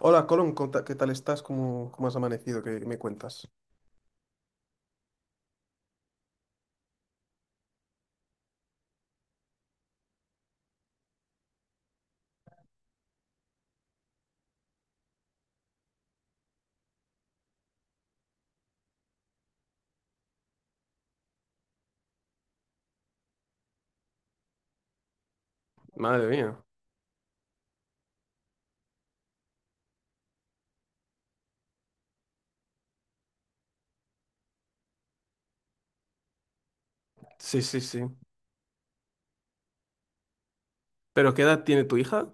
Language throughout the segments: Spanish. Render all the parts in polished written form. Hola, Colón, ¿qué tal estás? ¿Cómo has amanecido? ¿Qué me cuentas? Madre mía. Sí, sí, sí. ¿Pero qué edad tiene tu hija?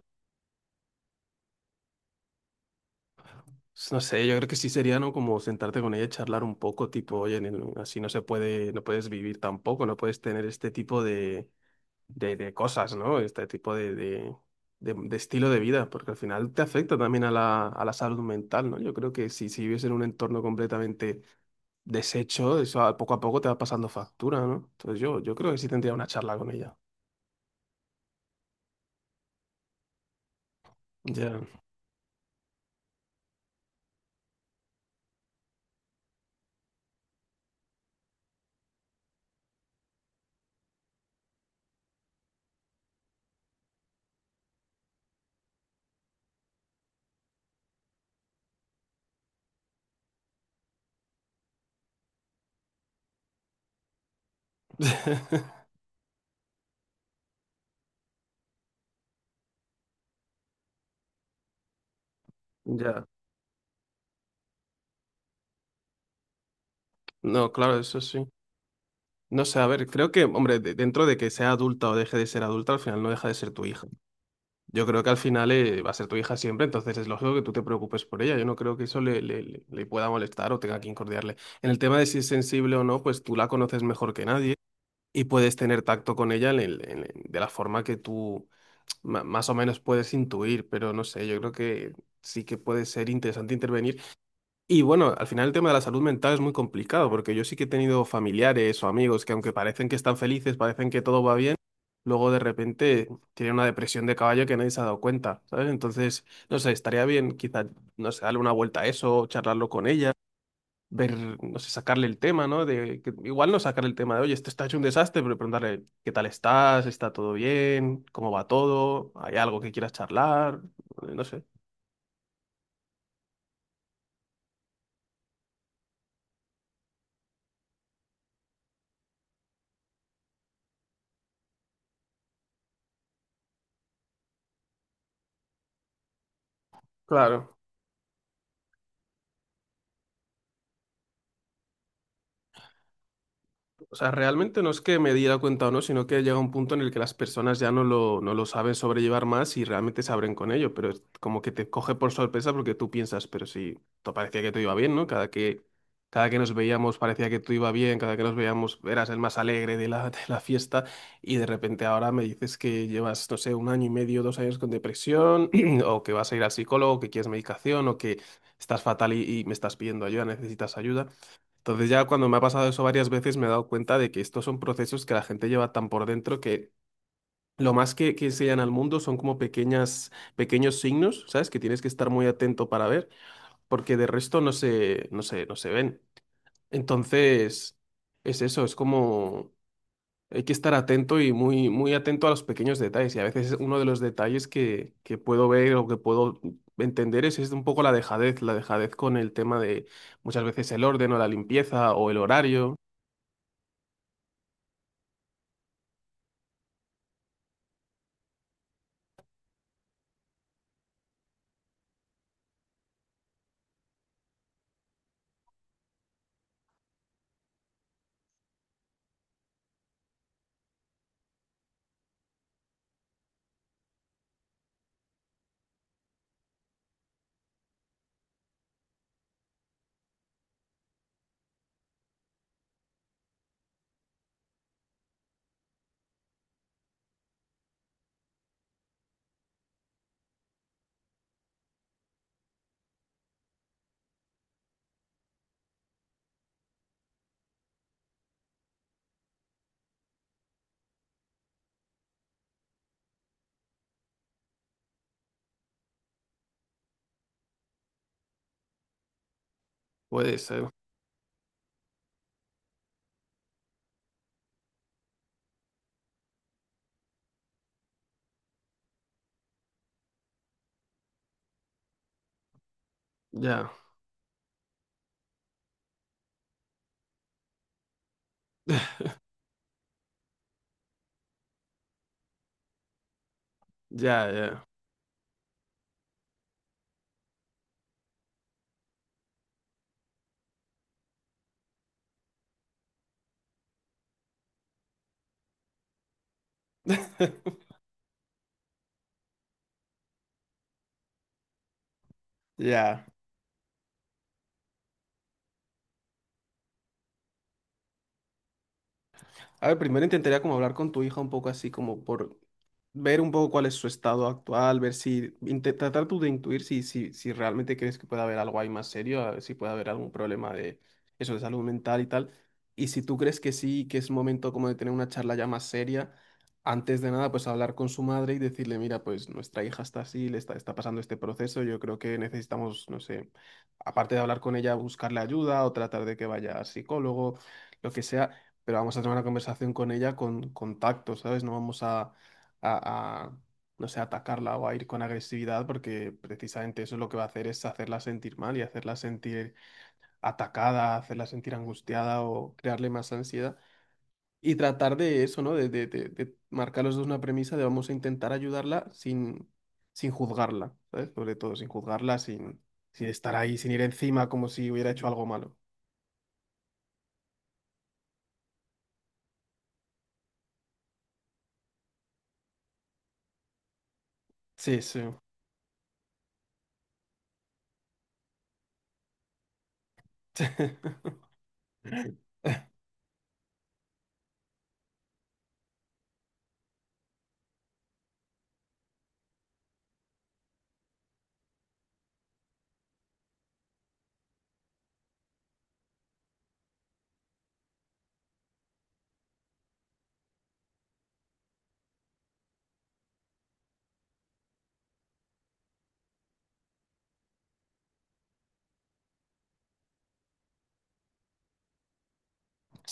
No sé, yo creo que sí sería, ¿no? Como sentarte con ella y charlar un poco, tipo, oye, nen, así no se puede, no puedes vivir tampoco, no puedes tener este tipo de cosas, ¿no? Este tipo de estilo de vida, porque al final te afecta también a la salud mental, ¿no? Yo creo que si, si vives en un entorno completamente deshecho, poco a poco te va pasando factura, ¿no? Entonces yo creo que sí tendría una charla con ella. Ya, ya. No, claro, eso sí. No sé, a ver, creo que, hombre, dentro de que sea adulta o deje de ser adulta, al final no deja de ser tu hija. Yo creo que al final va a ser tu hija siempre, entonces es lógico que tú te preocupes por ella. Yo no creo que eso le pueda molestar o tenga que incordiarle. En el tema de si es sensible o no, pues tú la conoces mejor que nadie y puedes tener tacto con ella de la forma que tú más o menos puedes intuir, pero no sé, yo creo que sí que puede ser interesante intervenir. Y bueno, al final el tema de la salud mental es muy complicado, porque yo sí que he tenido familiares o amigos que aunque parecen que están felices, parecen que todo va bien, luego de repente tienen una depresión de caballo que nadie se ha dado cuenta, ¿sabes? Entonces, no sé, estaría bien quizá, no sé, darle una vuelta a eso, charlarlo con ella, ver, no sé, sacarle el tema, ¿no? De, que, igual no sacarle el tema de, oye, esto está hecho un desastre, pero preguntarle, ¿qué tal estás? ¿Está todo bien? ¿Cómo va todo? ¿Hay algo que quieras charlar? No sé. Claro. O sea, realmente no es que me diera cuenta o no, sino que llega un punto en el que las personas ya no lo saben sobrellevar más y realmente se abren con ello, pero es como que te coge por sorpresa porque tú piensas, pero si te parecía que te iba bien, ¿no? Cada que nos veíamos parecía que tú iba bien, cada que nos veíamos eras el más alegre de la, de la fiesta y de repente ahora me dices que llevas, no sé, un año y medio, dos años con depresión o que vas a ir al psicólogo, que quieres medicación o que estás fatal y me estás pidiendo ayuda, necesitas ayuda. Entonces ya cuando me ha pasado eso varias veces me he dado cuenta de que estos son procesos que la gente lleva tan por dentro que lo más que enseñan al mundo son como pequeñas, pequeños signos, ¿sabes? Que tienes que estar muy atento para ver, porque de resto no se ven. Entonces, es eso, es como hay que estar atento y muy, muy atento a los pequeños detalles. Y a veces uno de los detalles que puedo ver o que puedo entender es un poco la dejadez con el tema de muchas veces el orden o la limpieza o el horario. Puede ser. Ya, ya, ya. Ya. A ver, primero intentaría como hablar con tu hija un poco así como por ver un poco cuál es su estado actual, ver si, tratar tú de intuir si, si, si realmente crees que puede haber algo ahí más serio, a ver si puede haber algún problema de eso de salud mental y tal. Y si tú crees que sí, que es momento como de tener una charla ya más seria, antes de nada, pues hablar con su madre y decirle, mira, pues nuestra hija está así, le está, está pasando este proceso, yo creo que necesitamos, no sé, aparte de hablar con ella, buscarle ayuda o tratar de que vaya al psicólogo lo que sea, pero vamos a tener una conversación con ella con tacto, ¿sabes? No vamos a, a- a, no sé, atacarla o a ir con agresividad porque precisamente eso lo que va a hacer es hacerla sentir mal y hacerla sentir atacada, hacerla sentir angustiada o crearle más ansiedad. Y tratar de eso, ¿no? De marcar los dos una premisa de vamos a intentar ayudarla sin, sin juzgarla, ¿sabes? Sobre todo, sin juzgarla, sin, sin estar ahí, sin ir encima como si hubiera hecho algo malo. Sí, sí.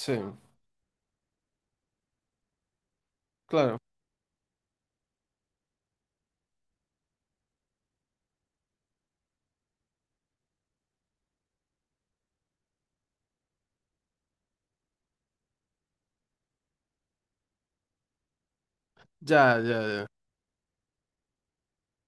Sí, claro. Ya, ya, ya.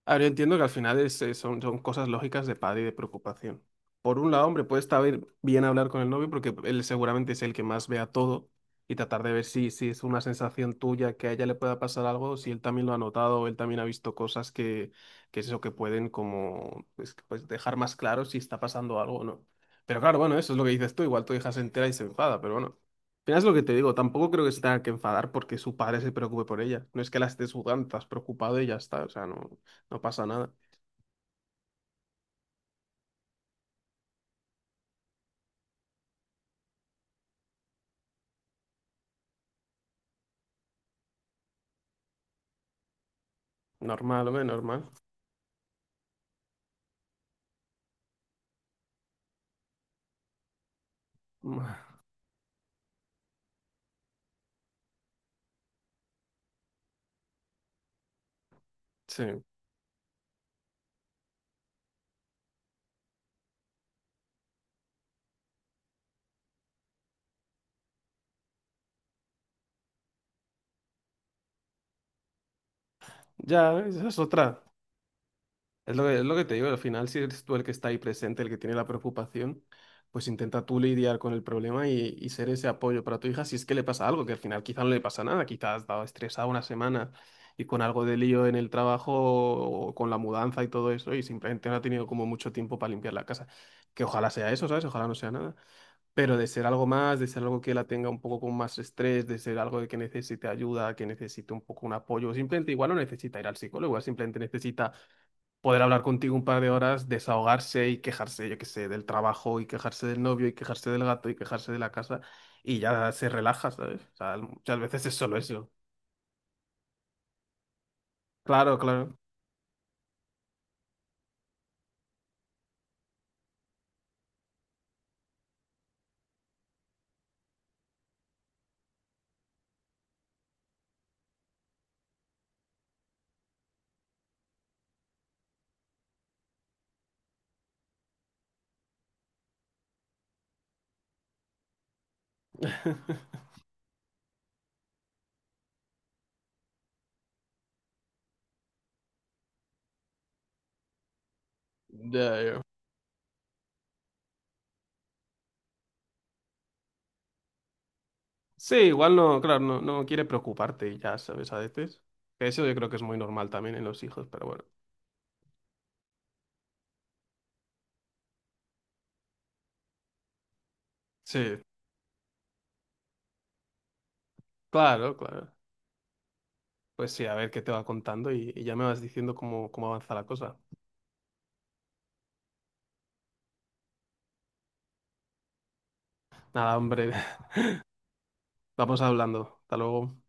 A ver, yo entiendo que al final es, son, son cosas lógicas de padre y de preocupación. Por un lado, hombre, puede estar bien bien hablar con el novio porque él seguramente es el que más vea todo y tratar de ver si, si es una sensación tuya que a ella le pueda pasar algo, si él también lo ha notado, o él también ha visto cosas que es eso que pueden como pues, pues dejar más claro si está pasando algo o no. Pero claro, bueno, eso es lo que dices tú, igual tu hija se entera y se enfada, pero bueno. Al final es lo que te digo, tampoco creo que se tenga que enfadar porque su padre se preocupe por ella. No es que la estés juzgando, estás preocupado y ya está, o sea, no. No pasa nada. Normal, hombre, normal. Ma- Sí. Ya, esa es otra. Es lo que te digo, al final, si eres tú el que está ahí presente, el que tiene la preocupación, pues intenta tú lidiar con el problema y ser ese apoyo para tu hija si es que le pasa algo, que al final quizá no le pasa nada, quizá has estado estresada una semana y con algo de lío en el trabajo o con la mudanza y todo eso y simplemente no ha tenido como mucho tiempo para limpiar la casa. Que ojalá sea eso, ¿sabes? Ojalá no sea nada. Pero de ser algo más, de ser algo que la tenga un poco con más estrés, de ser algo de que necesite ayuda, que necesite un poco un apoyo, simplemente igual no necesita ir al psicólogo, igual simplemente necesita poder hablar contigo un par de horas, desahogarse y quejarse, yo qué sé, del trabajo y quejarse del novio y quejarse del gato y quejarse de la casa y ya se relaja, ¿sabes? O sea, muchas veces es solo eso. Claro, claro. Ya, ya. Sí, igual no, claro, no, no quiere preocuparte y ya, ¿sabes? A veces. Que eso yo creo que es muy normal también en los hijos, pero bueno. Sí, claro, claro. Pues sí, a ver qué te va contando y ya me vas diciendo cómo, cómo avanza la cosa. Nada, hombre, vamos hablando. Hasta luego.